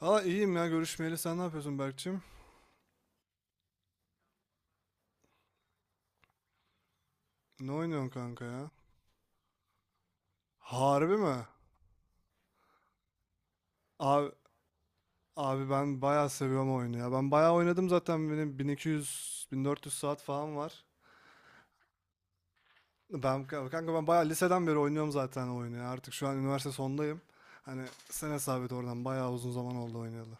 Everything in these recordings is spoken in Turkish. Hala iyiyim ya görüşmeyeli. Sen ne yapıyorsun Berkçim? Ne oynuyorsun kanka ya? Harbi mi? Abi, abi, ben bayağı seviyorum oyunu ya. Ben bayağı oynadım zaten benim 1200-1400 saat falan var. Kanka ben bayağı liseden beri oynuyorum zaten o oyunu ya. Artık şu an üniversite sondayım. Hani sen hesap et oradan bayağı uzun zaman oldu oynayalı.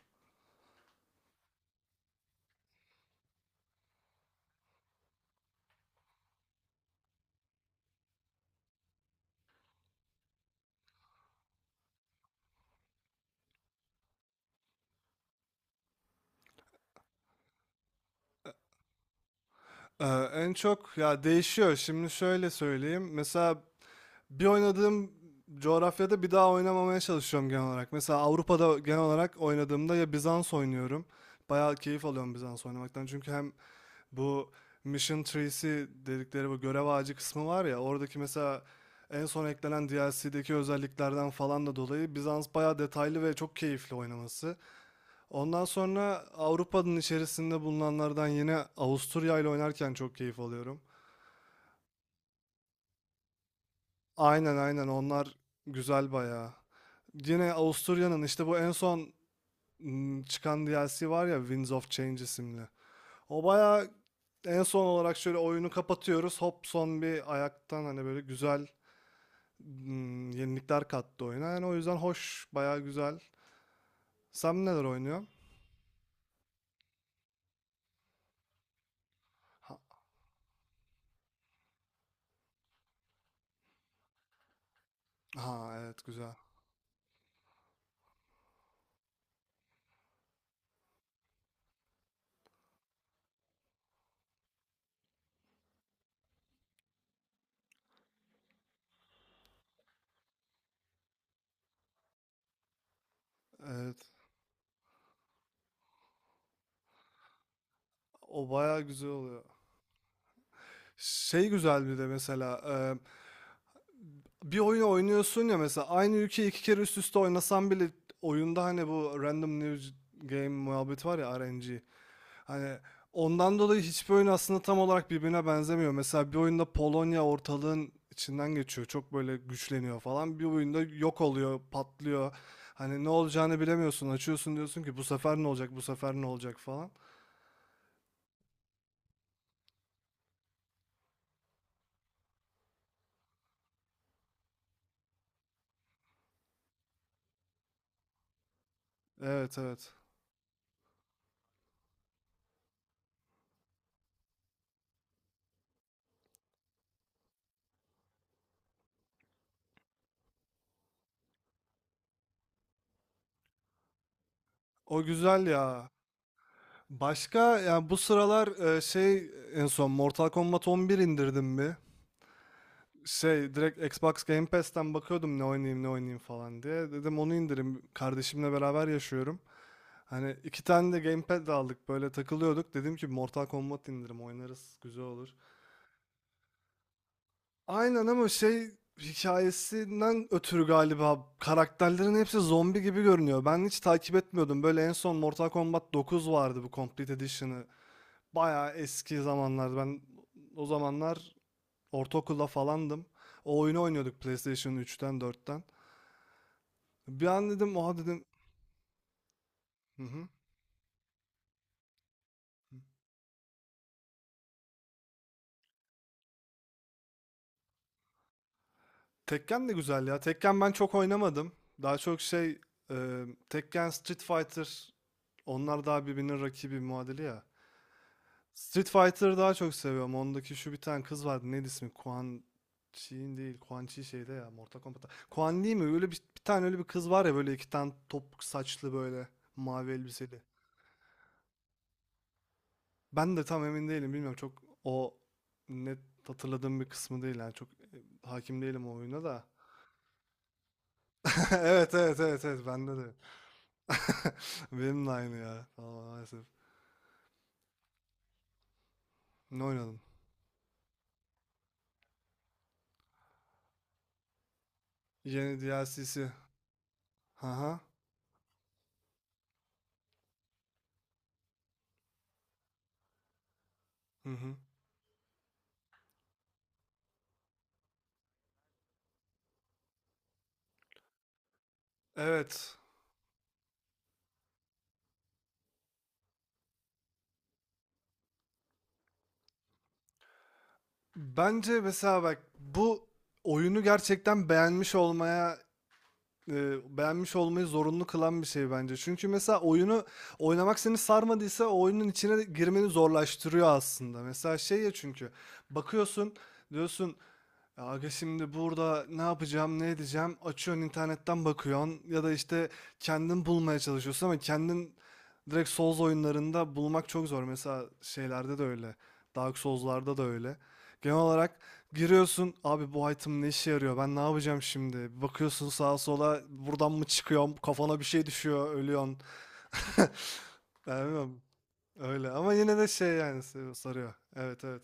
Ee, En çok ya değişiyor. Şimdi şöyle söyleyeyim. Mesela bir oynadığım coğrafyada bir daha oynamamaya çalışıyorum genel olarak. Mesela Avrupa'da genel olarak oynadığımda ya Bizans oynuyorum. Bayağı keyif alıyorum Bizans oynamaktan. Çünkü hem bu Mission Trees'i dedikleri bu görev ağacı kısmı var ya oradaki, mesela en son eklenen DLC'deki özelliklerden falan da dolayı Bizans bayağı detaylı ve çok keyifli oynaması. Ondan sonra Avrupa'nın içerisinde bulunanlardan yine Avusturya ile oynarken çok keyif alıyorum. Aynen onlar güzel bayağı. Yine Avusturya'nın işte bu en son çıkan DLC var ya Winds of Change isimli. O bayağı en son olarak şöyle oyunu kapatıyoruz. Hop son bir ayaktan hani böyle güzel yenilikler kattı oyuna. Yani o yüzden hoş, bayağı güzel. Sen neler oynuyorsun? Ha, ha, evet, güzel. Evet. O bayağı güzel oluyor. Şey, güzel bir de mesela bir oyunu oynuyorsun ya, mesela aynı ülkeyi iki kere üst üste oynasan bile oyunda hani bu random new game muhabbeti var ya, RNG. Hani ondan dolayı hiçbir oyun aslında tam olarak birbirine benzemiyor. Mesela bir oyunda Polonya ortalığın içinden geçiyor. Çok böyle güçleniyor falan. Bir oyunda yok oluyor, patlıyor. Hani ne olacağını bilemiyorsun. Açıyorsun diyorsun ki bu sefer ne olacak, bu sefer ne olacak falan. Evet, evet. O güzel ya. Başka yani bu sıralar şey, en son Mortal Kombat 11 indirdim bir. Şey, direkt Xbox Game Pass'ten bakıyordum ne oynayayım ne oynayayım falan diye. Dedim onu indireyim. Kardeşimle beraber yaşıyorum. Hani iki tane de gamepad de aldık, böyle takılıyorduk. Dedim ki Mortal Kombat indirim oynarız, güzel olur. Aynen, ama şey, hikayesinden ötürü galiba karakterlerin hepsi zombi gibi görünüyor. Ben hiç takip etmiyordum. Böyle en son Mortal Kombat 9 vardı, bu Complete Edition'ı. Bayağı eski zamanlar. Ben o zamanlar ortaokulda falandım. O oyunu oynuyorduk PlayStation 3'ten, 4'ten. Bir an dedim oha, dedim. Hı hı. Tekken de güzel ya. Tekken ben çok oynamadım. Daha çok şey, Tekken, Street Fighter, onlar daha birbirinin rakibi, muadili ya. Street Fighter'ı daha çok seviyorum. Ondaki şu bir tane kız vardı. Neydi ismi? Kuan Chi'in değil. Kuan Chi şeyde ya. Mortal Kombat'ta. Kuan Li mi? Öyle bir tane öyle bir kız var ya, böyle iki tane topuk saçlı, böyle mavi elbiseli. Ben de tam emin değilim. Bilmiyorum, çok o net hatırladığım bir kısmı değil yani. Çok hakim değilim o oyuna da. Evet, bende de. Benim de aynı ya. Tamam, maalesef. Ne oynadın? Yeni DLC'si. Haha. Hı hı. Evet. Bence mesela bak, bu oyunu gerçekten beğenmiş olmaya e, beğenmiş olmayı zorunlu kılan bir şey bence. Çünkü mesela oyunu oynamak seni sarmadıysa o oyunun içine girmeni zorlaştırıyor aslında. Mesela şey ya, çünkü bakıyorsun, diyorsun, ya aga şimdi burada ne yapacağım, ne edeceğim? Açıyorsun internetten bakıyorsun ya da işte kendin bulmaya çalışıyorsun, ama kendin direkt Souls oyunlarında bulmak çok zor. Mesela şeylerde de öyle. Dark Souls'larda da öyle. Genel olarak giriyorsun, abi bu item ne işe yarıyor? Ben ne yapacağım şimdi? Bir bakıyorsun sağa sola, buradan mı çıkıyorum? Kafana bir şey düşüyor, ölüyorsun. Ben bilmiyorum. Öyle, ama yine de şey yani, sarıyor. Evet, evet.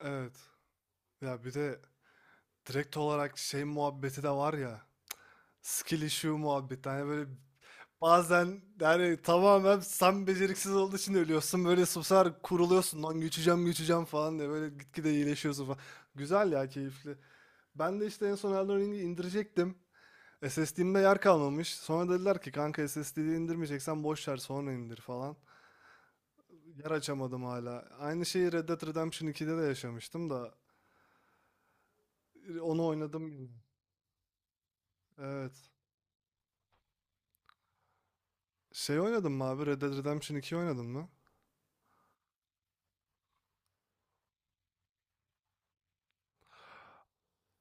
Evet. Ya bir de direkt olarak şey muhabbeti de var ya. Skill issue muhabbeti. Hani böyle bazen yani tamamen sen beceriksiz olduğu için ölüyorsun. Böyle susar kuruluyorsun. Lan güçeceğim falan diye. Böyle gitgide iyileşiyorsun falan. Güzel ya, keyifli. Ben de işte en son Elden Ring'i indirecektim. SSD'imde yer kalmamış. Sonra dediler ki kanka SSD'yi indirmeyeceksen boş ver, sonra indir falan. Yer açamadım hala. Aynı şeyi Red Dead Redemption 2'de de yaşamıştım da. Onu oynadım yine. Evet. Şey, oynadın mı abi? Red Dead Redemption 2 oynadın mı?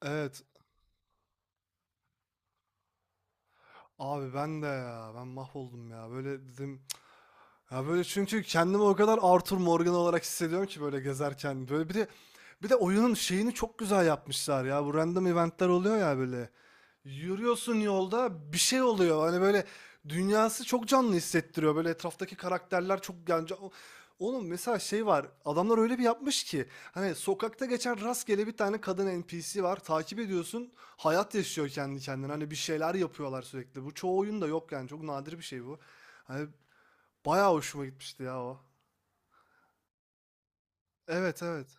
Evet. Abi ben de ya. Ben mahvoldum ya. Böyle dedim. Ya böyle, çünkü kendimi o kadar Arthur Morgan olarak hissediyorum ki böyle gezerken. Böyle bir de oyunun şeyini çok güzel yapmışlar ya. Bu random eventler oluyor ya böyle. Yürüyorsun yolda bir şey oluyor. Hani böyle dünyası çok canlı hissettiriyor. Böyle etraftaki karakterler çok yani oğlum mesela şey var. Adamlar öyle bir yapmış ki hani sokakta geçen rastgele bir tane kadın NPC var. Takip ediyorsun. Hayat yaşıyor kendi kendine. Hani bir şeyler yapıyorlar sürekli. Bu çoğu oyunda yok yani. Çok nadir bir şey bu. Hani bayağı hoşuma gitmişti ya o. Evet, evet.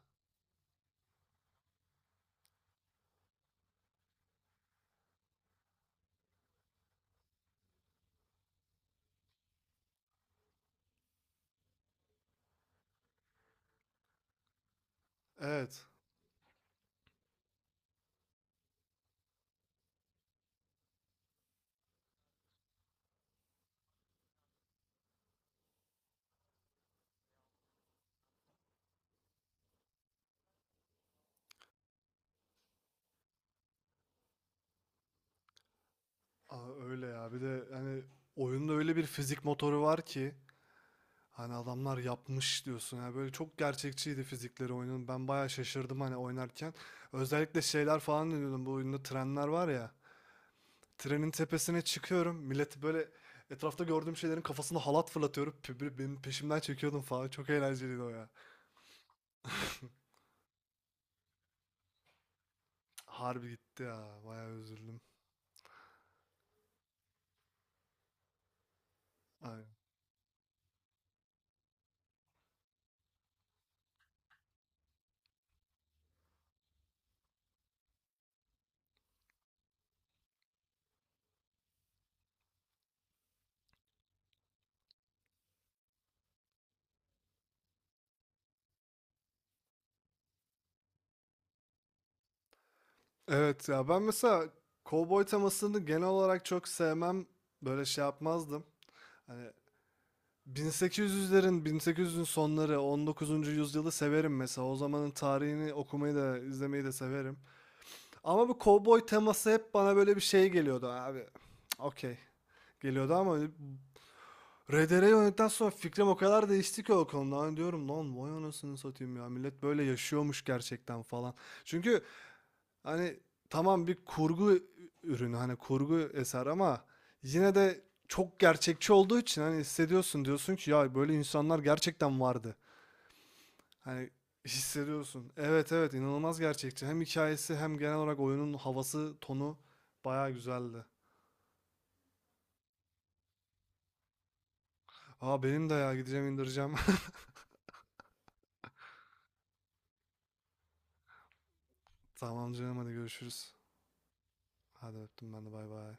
Evet. Aa, öyle ya. Bir de hani oyunda öyle bir fizik motoru var ki, hani adamlar yapmış diyorsun ya, böyle çok gerçekçiydi fizikleri oyunun. Ben bayağı şaşırdım hani oynarken. Özellikle şeyler falan diyordum, bu oyunda trenler var ya. Trenin tepesine çıkıyorum. Milleti böyle etrafta gördüğüm şeylerin kafasına halat fırlatıyorum. Böyle benim peşimden çekiyordum falan. Çok eğlenceliydi o ya. Harbi gitti ya. Bayağı üzüldüm. Aynen. Evet ya, ben mesela kovboy temasını genel olarak çok sevmem. Böyle şey yapmazdım. Hani 1800'lerin, 1800'ün sonları, 19. yüzyılı severim mesela. O zamanın tarihini okumayı da, izlemeyi de severim. Ama bu kovboy teması hep bana böyle bir şey geliyordu abi. Cık, okey. Geliyordu ama RDR'yi oynadıktan sonra fikrim o kadar değişti ki o konuda. Hani diyorum lan vay anasını satayım ya. Millet böyle yaşıyormuş gerçekten falan. Çünkü hani tamam bir kurgu ürünü, hani kurgu eser, ama yine de çok gerçekçi olduğu için hani hissediyorsun, diyorsun ki ya böyle insanlar gerçekten vardı. Hani hissediyorsun. Evet, evet, inanılmaz gerçekçi. Hem hikayesi hem genel olarak oyunun havası, tonu bayağı güzeldi. Aa, benim de ya, gideceğim indireceğim. Tamam canım, hadi görüşürüz. Hadi öptüm, ben de, bay bay.